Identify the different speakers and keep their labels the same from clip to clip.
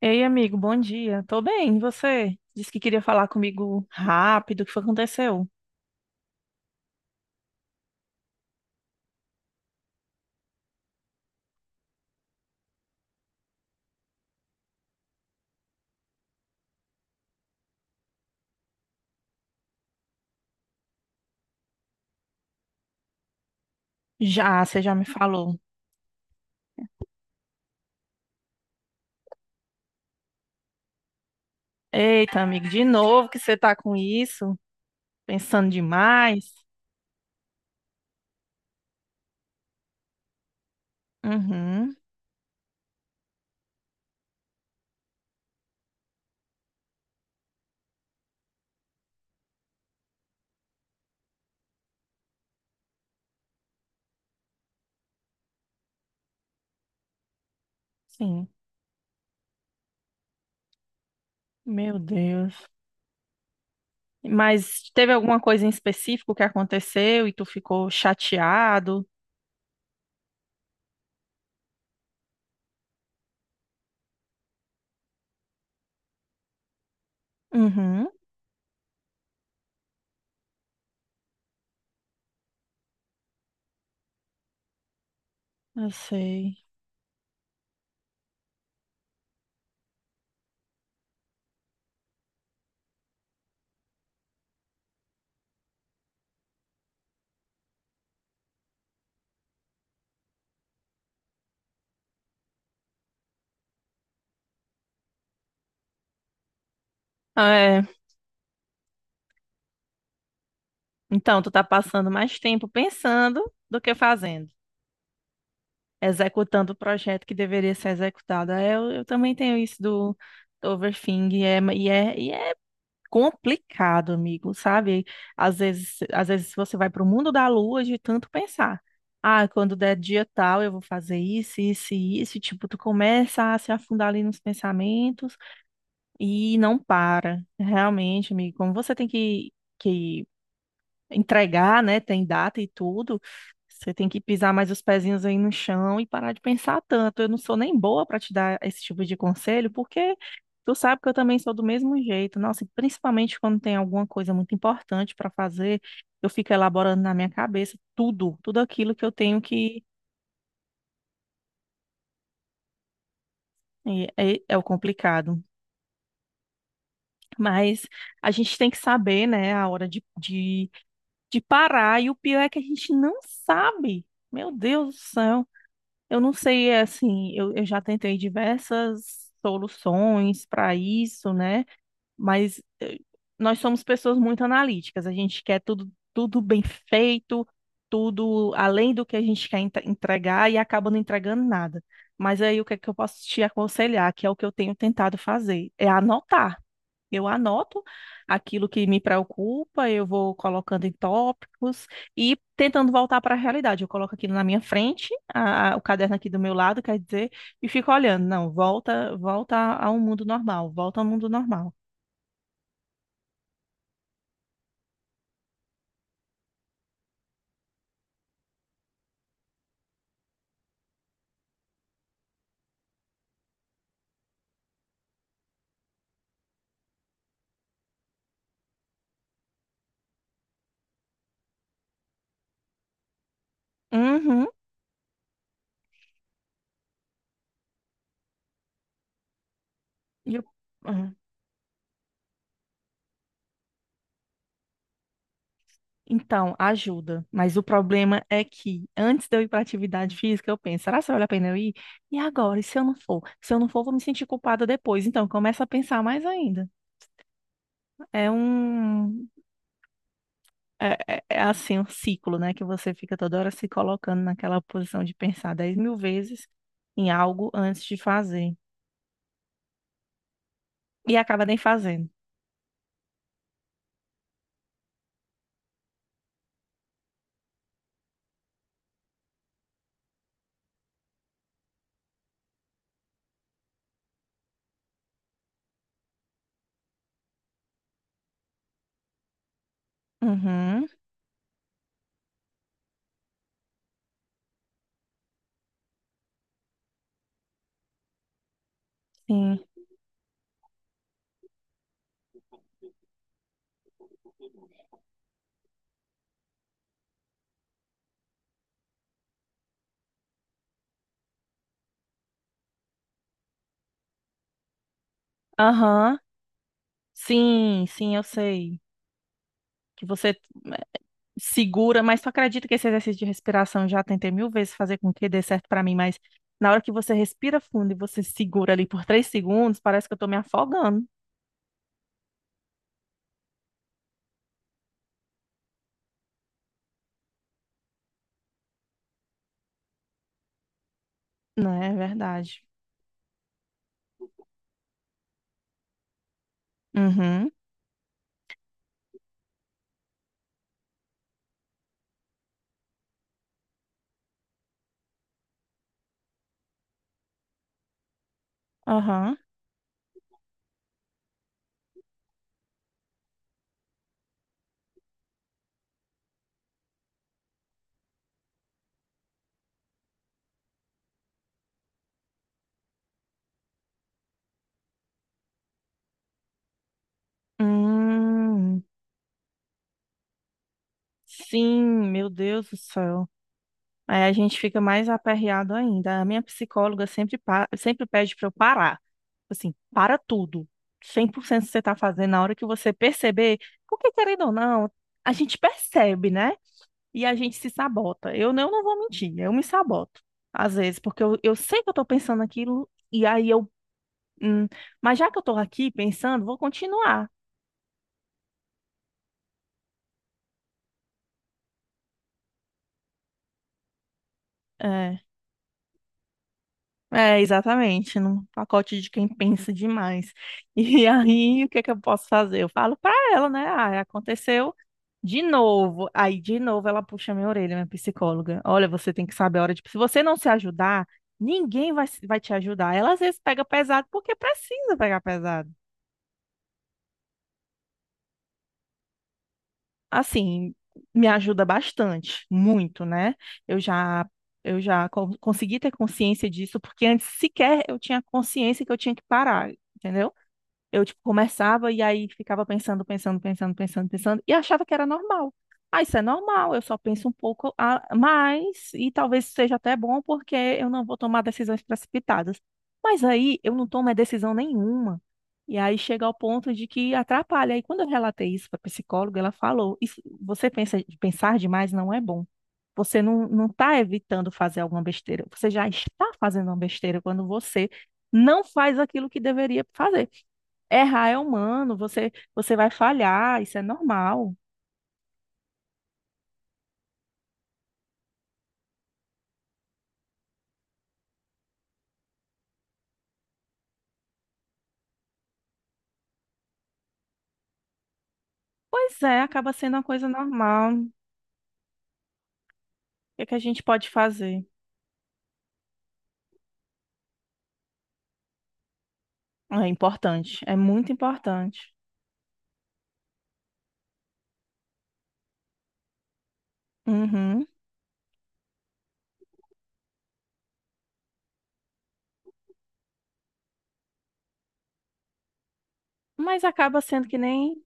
Speaker 1: Ei, amigo, bom dia. Tô bem, e você? Disse que queria falar comigo rápido, o que foi que aconteceu? Já, você já me falou. Eita, amigo, de novo que você tá com isso? Pensando demais? Uhum, sim. Meu Deus. Mas teve alguma coisa em específico que aconteceu e tu ficou chateado? Uhum, eu sei. É, então, tu tá passando mais tempo pensando do que fazendo. Executando o projeto que deveria ser executado. É, eu também tenho isso do, do overthinking e é complicado, amigo, sabe? Às vezes você vai para o mundo da lua de tanto pensar. Ah, quando der dia tal, eu vou fazer isso, isso e isso. E tipo, tu começa a se afundar ali nos pensamentos e não para. Realmente, amigo, como você tem que entregar, né? Tem data e tudo. Você tem que pisar mais os pezinhos aí no chão e parar de pensar tanto. Eu não sou nem boa para te dar esse tipo de conselho, porque tu sabe que eu também sou do mesmo jeito. Nossa, e principalmente quando tem alguma coisa muito importante para fazer, eu fico elaborando na minha cabeça tudo, tudo aquilo que eu tenho que. É o complicado. Mas a gente tem que saber, né, a hora de parar. E o pior é que a gente não sabe. Meu Deus do céu. Eu não sei, é assim, eu já tentei diversas soluções para isso, né? Mas nós somos pessoas muito analíticas, a gente quer tudo, tudo bem feito, tudo além do que a gente quer entregar e acaba não entregando nada. Mas aí o que é que eu posso te aconselhar, que é o que eu tenho tentado fazer, é anotar. Eu anoto aquilo que me preocupa, eu vou colocando em tópicos e tentando voltar para a realidade. Eu coloco aquilo na minha frente, o caderno aqui do meu lado, quer dizer, e fico olhando. Não, volta, volta ao mundo normal, volta ao mundo normal. Uhum. E eu- uhum. Então, ajuda. Mas o problema é que antes de eu ir para atividade física, eu penso, será que vale a pena eu ir? E agora? E se eu não for? Se eu não for, vou me sentir culpada depois. Então, começa a pensar mais ainda. É um, é assim um ciclo, né? Que você fica toda hora se colocando naquela posição de pensar 10 mil vezes em algo antes de fazer. E acaba nem fazendo. Uhum, sim. Aham. Sim, sim, eu sei. Que você eh, segura, mas tu acredita que esse exercício de respiração eu já tentei mil vezes fazer com que dê certo pra mim, mas na hora que você respira fundo e você segura ali por três segundos, parece que eu tô me afogando. Não é verdade. Uhum, aham. Hum, sim, meu Deus do céu. Aí a gente fica mais aperreado ainda. A minha psicóloga sempre, sempre pede para eu parar. Tipo assim, para tudo. Cem por cento você está fazendo, na hora que você perceber, porque querendo ou não, a gente percebe, né? E a gente se sabota. Eu não, não vou mentir, eu me saboto. Às vezes, porque eu sei que eu estou pensando aquilo, e aí eu. Hum, mas já que eu estou aqui pensando, vou continuar. É, é, exatamente, num pacote de quem pensa demais. E aí, o que é que eu posso fazer? Eu falo pra ela, né? Ah, aconteceu de novo. Aí, de novo, ela puxa minha orelha, minha psicóloga. Olha, você tem que saber a hora de. Se você não se ajudar, ninguém vai, vai te ajudar. Ela às vezes pega pesado porque precisa pegar pesado. Assim, me ajuda bastante, muito, né? Eu já. Eu já consegui ter consciência disso, porque antes sequer eu tinha consciência que eu tinha que parar, entendeu? Eu, tipo, começava e aí ficava pensando, pensando, pensando, pensando, pensando, e achava que era normal. Ah, isso é normal, eu só penso um pouco a mais, e talvez seja até bom porque eu não vou tomar decisões precipitadas. Mas aí eu não tomo é, decisão nenhuma. E aí chega ao ponto de que atrapalha. E quando eu relatei isso para a psicóloga, ela falou: isso, você pensa, pensar demais não é bom. Você não, não está evitando fazer alguma besteira. Você já está fazendo uma besteira quando você não faz aquilo que deveria fazer. Errar é humano, você, você vai falhar, isso é normal. Pois é, acaba sendo uma coisa normal. O que é que a gente pode fazer? É importante, é muito importante. Uhum. Mas acaba sendo que nem.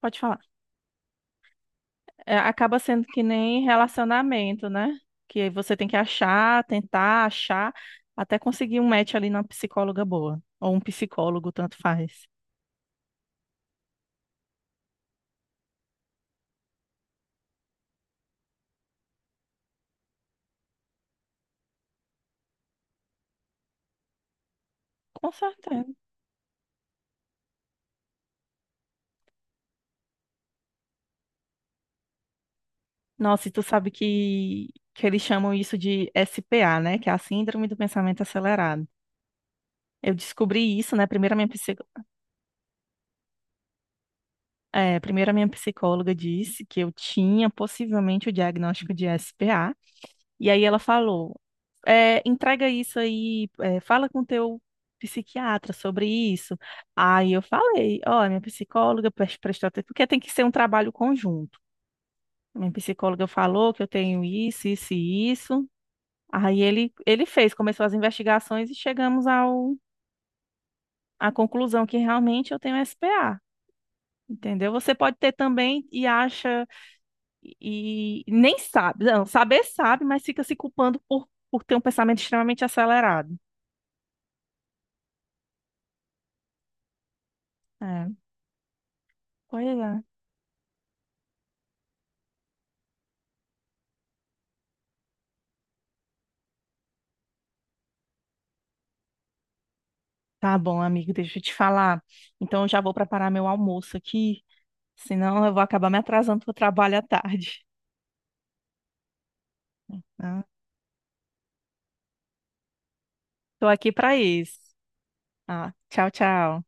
Speaker 1: Pode falar. É, acaba sendo que nem relacionamento, né? Que você tem que achar, tentar achar, até conseguir um match ali na psicóloga boa. Ou um psicólogo, tanto faz. Com certeza. Nossa, e tu sabe que eles chamam isso de SPA, né? Que é a Síndrome do Pensamento Acelerado. Eu descobri isso, né? Primeiro a minha, primeiro a minha psicóloga disse que eu tinha possivelmente o diagnóstico de SPA. E aí ela falou: entrega isso aí, fala com teu psiquiatra sobre isso. Aí eu falei: ó, minha psicóloga prestou atenção, porque tem que ser um trabalho conjunto. Minha psicóloga falou que eu tenho isso, isso e isso. Aí ele fez, começou as investigações e chegamos ao, à conclusão que realmente eu tenho SPA. Entendeu? Você pode ter também e acha e nem sabe. Não, saber sabe, mas fica se culpando por ter um pensamento extremamente acelerado. É, pois é. Tá bom, amigo, deixa eu te falar. Então eu já vou preparar meu almoço aqui, senão eu vou acabar me atrasando para o trabalho à tarde. Tá? Tô aqui para isso. Ah, tchau, tchau.